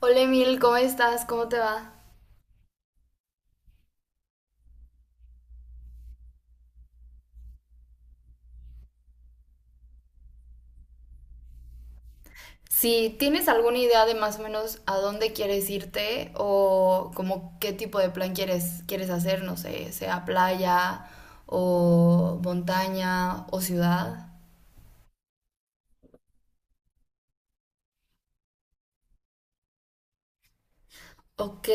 Hola Emil, ¿cómo estás? ¿Cómo te va? Si tienes alguna idea de más o menos a dónde quieres irte o como qué tipo de plan quieres hacer, no sé, sea playa o montaña o ciudad. Ok.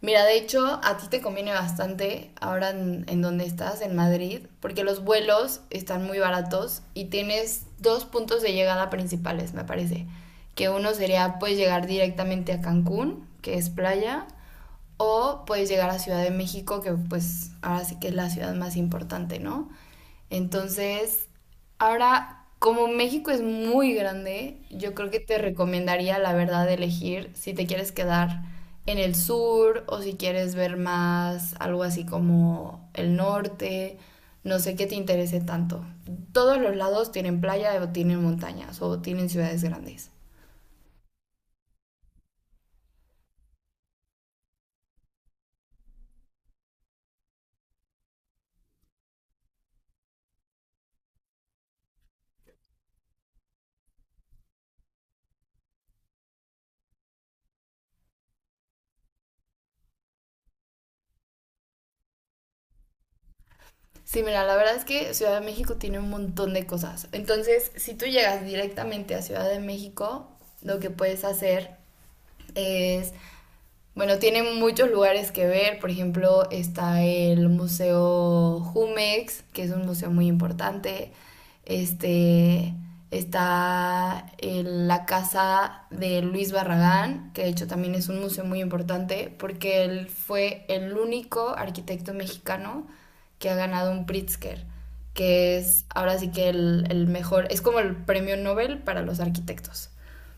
Mira, de hecho, a ti te conviene bastante ahora en donde estás, en Madrid, porque los vuelos están muy baratos y tienes dos puntos de llegada principales, me parece. Que uno sería, pues, llegar directamente a Cancún, que es playa, o puedes llegar a Ciudad de México, que pues ahora sí que es la ciudad más importante, ¿no? Entonces, ahora, como México es muy grande, yo creo que te recomendaría, la verdad, elegir si te quieres quedar en el sur o si quieres ver más algo así como el norte, no sé qué te interese tanto. Todos los lados tienen playa o tienen montañas o tienen ciudades grandes. Sí, mira, la verdad es que Ciudad de México tiene un montón de cosas. Entonces, si tú llegas directamente a Ciudad de México, lo que puedes hacer es, bueno, tiene muchos lugares que ver, por ejemplo, está el Museo Jumex, que es un museo muy importante. Este, está la casa de Luis Barragán, que de hecho también es un museo muy importante, porque él fue el único arquitecto mexicano que ha ganado un Pritzker, que es ahora sí que el mejor, es como el premio Nobel para los arquitectos,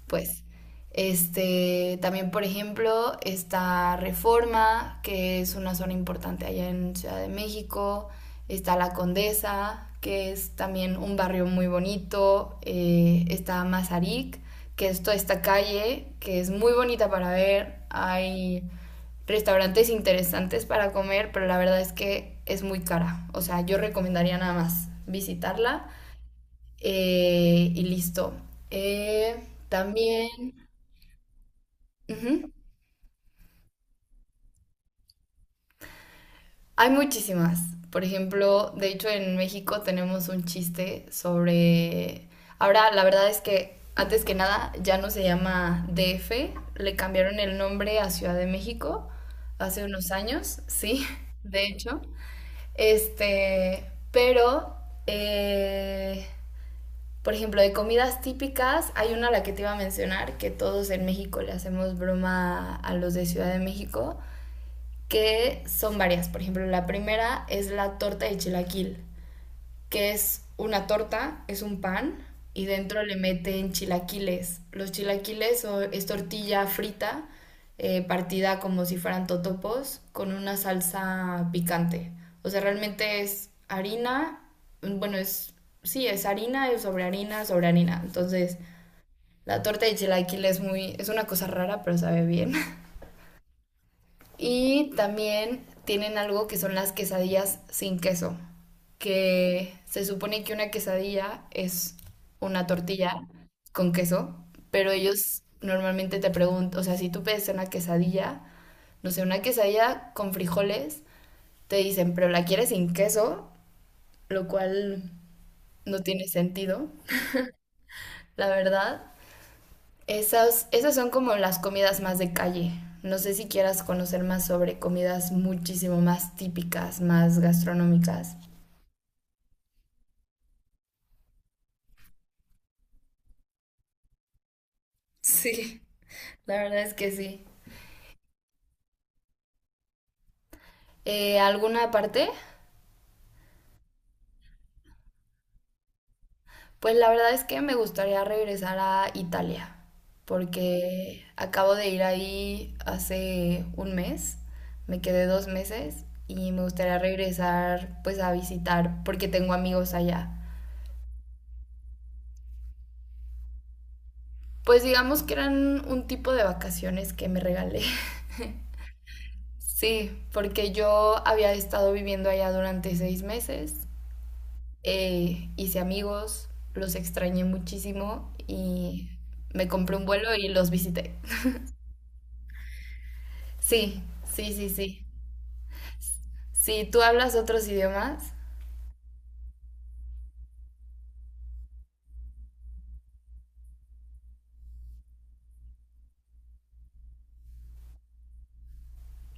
pues. Este, también, por ejemplo, está Reforma, que es una zona importante allá en Ciudad de México. Está La Condesa, que es también un barrio muy bonito. Está Mazarik, que es toda esta calle, que es muy bonita para ver. Hay restaurantes interesantes para comer, pero la verdad es que es muy cara. O sea, yo recomendaría nada más visitarla, y listo. Eh, También... ujú. Hay muchísimas. Por ejemplo, de hecho en México tenemos un chiste sobre... Ahora, la verdad es que antes que nada ya no se llama DF, le cambiaron el nombre a Ciudad de México hace unos años, sí, de hecho. Este, pero, eh, por ejemplo, de comidas típicas, hay una a la que te iba a mencionar, que todos en México le hacemos broma a los de Ciudad de México, que son varias. Por ejemplo, la primera es la torta de chilaquil, que es una torta, es un pan y dentro le meten chilaquiles. Los chilaquiles es tortilla frita, partida como si fueran totopos, con una salsa picante. O sea, realmente es harina, bueno, sí, es harina, es sobre harina, sobre harina. Entonces, la torta de chilaquil es una cosa rara, pero sabe bien. Y también tienen algo que son las quesadillas sin queso, que se supone que una quesadilla es una tortilla con queso, pero ellos normalmente te preguntan, o sea, si tú pides una quesadilla, no sé, una quesadilla con frijoles, te dicen, pero la quieres sin queso, lo cual no tiene sentido, la verdad. Esas son como las comidas más de calle. No sé si quieras conocer más sobre comidas muchísimo más típicas, más gastronómicas. Sí. La verdad es que sí. ¿Alguna parte? Pues la verdad es que me gustaría regresar a Italia, porque acabo de ir ahí hace un mes, me quedé dos meses y me gustaría regresar pues a visitar porque tengo amigos allá. Pues digamos que eran un tipo de vacaciones que me regalé. Sí, porque yo había estado viviendo allá durante seis meses, hice amigos, los extrañé muchísimo y me compré un vuelo y los visité. Sí, sí, sí, sí. Si tú hablas otros idiomas,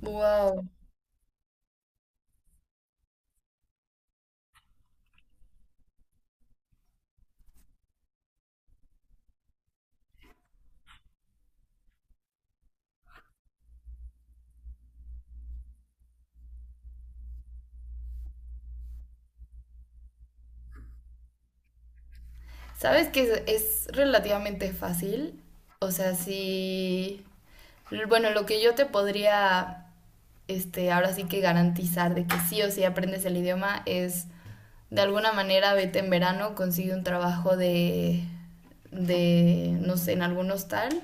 wow. ¿Sabes que es relativamente fácil? O sea, sí. Bueno, lo que yo te podría, este, ahora sí que garantizar de que sí o sí aprendes el idioma es de alguna manera vete en verano, consigue un trabajo de no sé, en algún hostal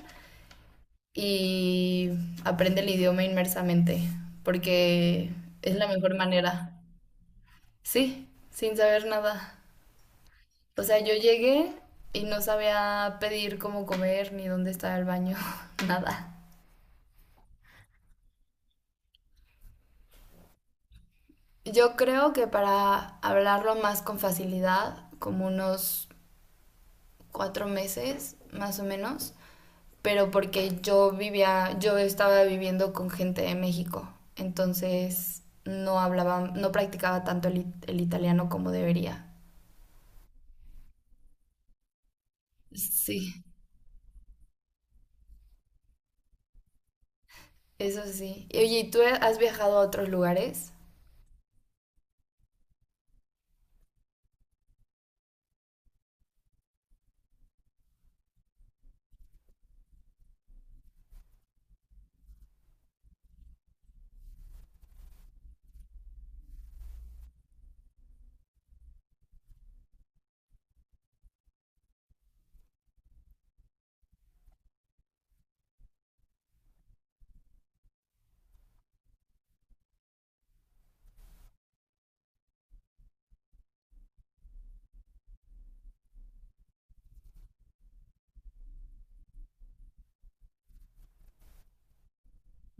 y aprende el idioma inmersamente, porque es la mejor manera. Sí, sin saber nada. O sea, yo llegué y no sabía pedir cómo comer ni dónde estaba el baño, nada. Yo creo que para hablarlo más con facilidad, como unos cuatro meses más o menos, pero porque yo estaba viviendo con gente de México, entonces no practicaba tanto el italiano como debería. Sí. Eso sí. Y oye, ¿y tú has viajado a otros lugares?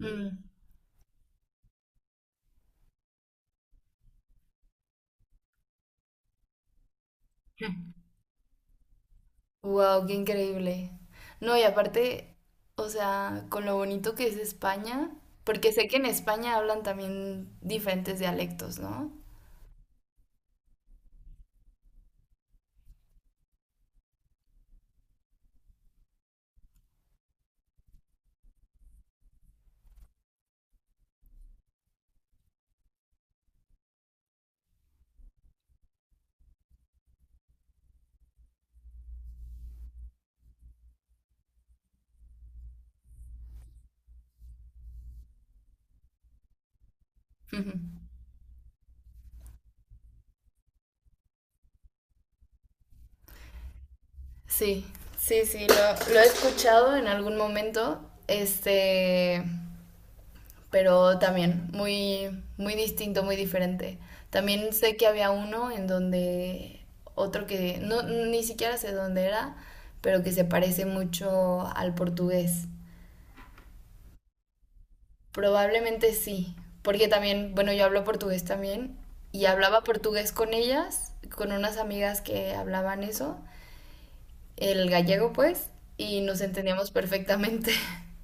Mm. Wow, qué increíble. No, y aparte, o sea, con lo bonito que es España, porque sé que en España hablan también diferentes dialectos, ¿no? Sí, sí, sí, lo he escuchado en algún momento, este, pero también muy, muy distinto, muy diferente. También sé que había uno en donde otro que no, ni siquiera sé dónde era, pero que se parece mucho al portugués. Probablemente sí, porque también, bueno, yo hablo portugués también y hablaba portugués con ellas, con unas amigas que hablaban eso, el gallego pues, y nos entendíamos perfectamente.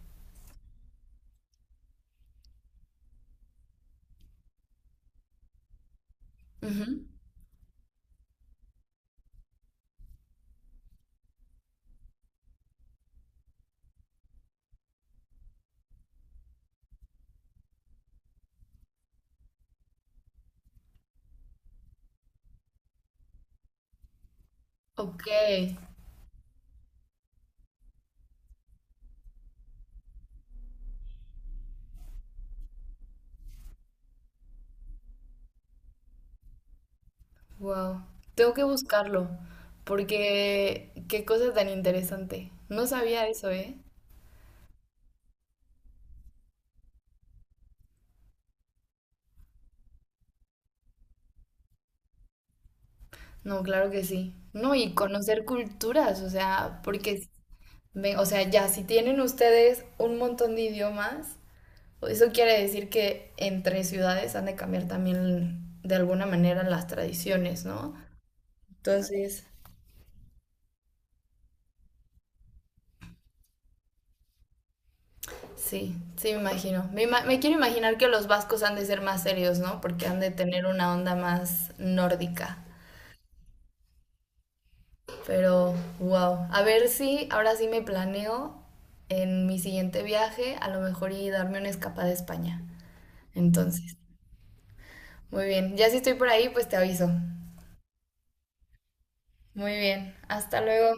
Ujú. Ok, wow. Tengo que buscarlo porque qué cosa tan interesante. No sabía eso, ¿eh? No, claro que sí. No, y conocer culturas, o sea, porque, o sea, ya, si tienen ustedes un montón de idiomas, eso quiere decir que entre ciudades han de cambiar también de alguna manera las tradiciones, ¿no? Entonces, sí, sí, me imagino. Me quiero imaginar que los vascos han de ser más serios, ¿no? Porque han de tener una onda más nórdica. Pero, wow. A ver si ahora sí me planeo en mi siguiente viaje, a lo mejor y darme una escapada a España. Entonces, muy bien. Ya si estoy por ahí, pues te aviso. Muy bien. Hasta luego.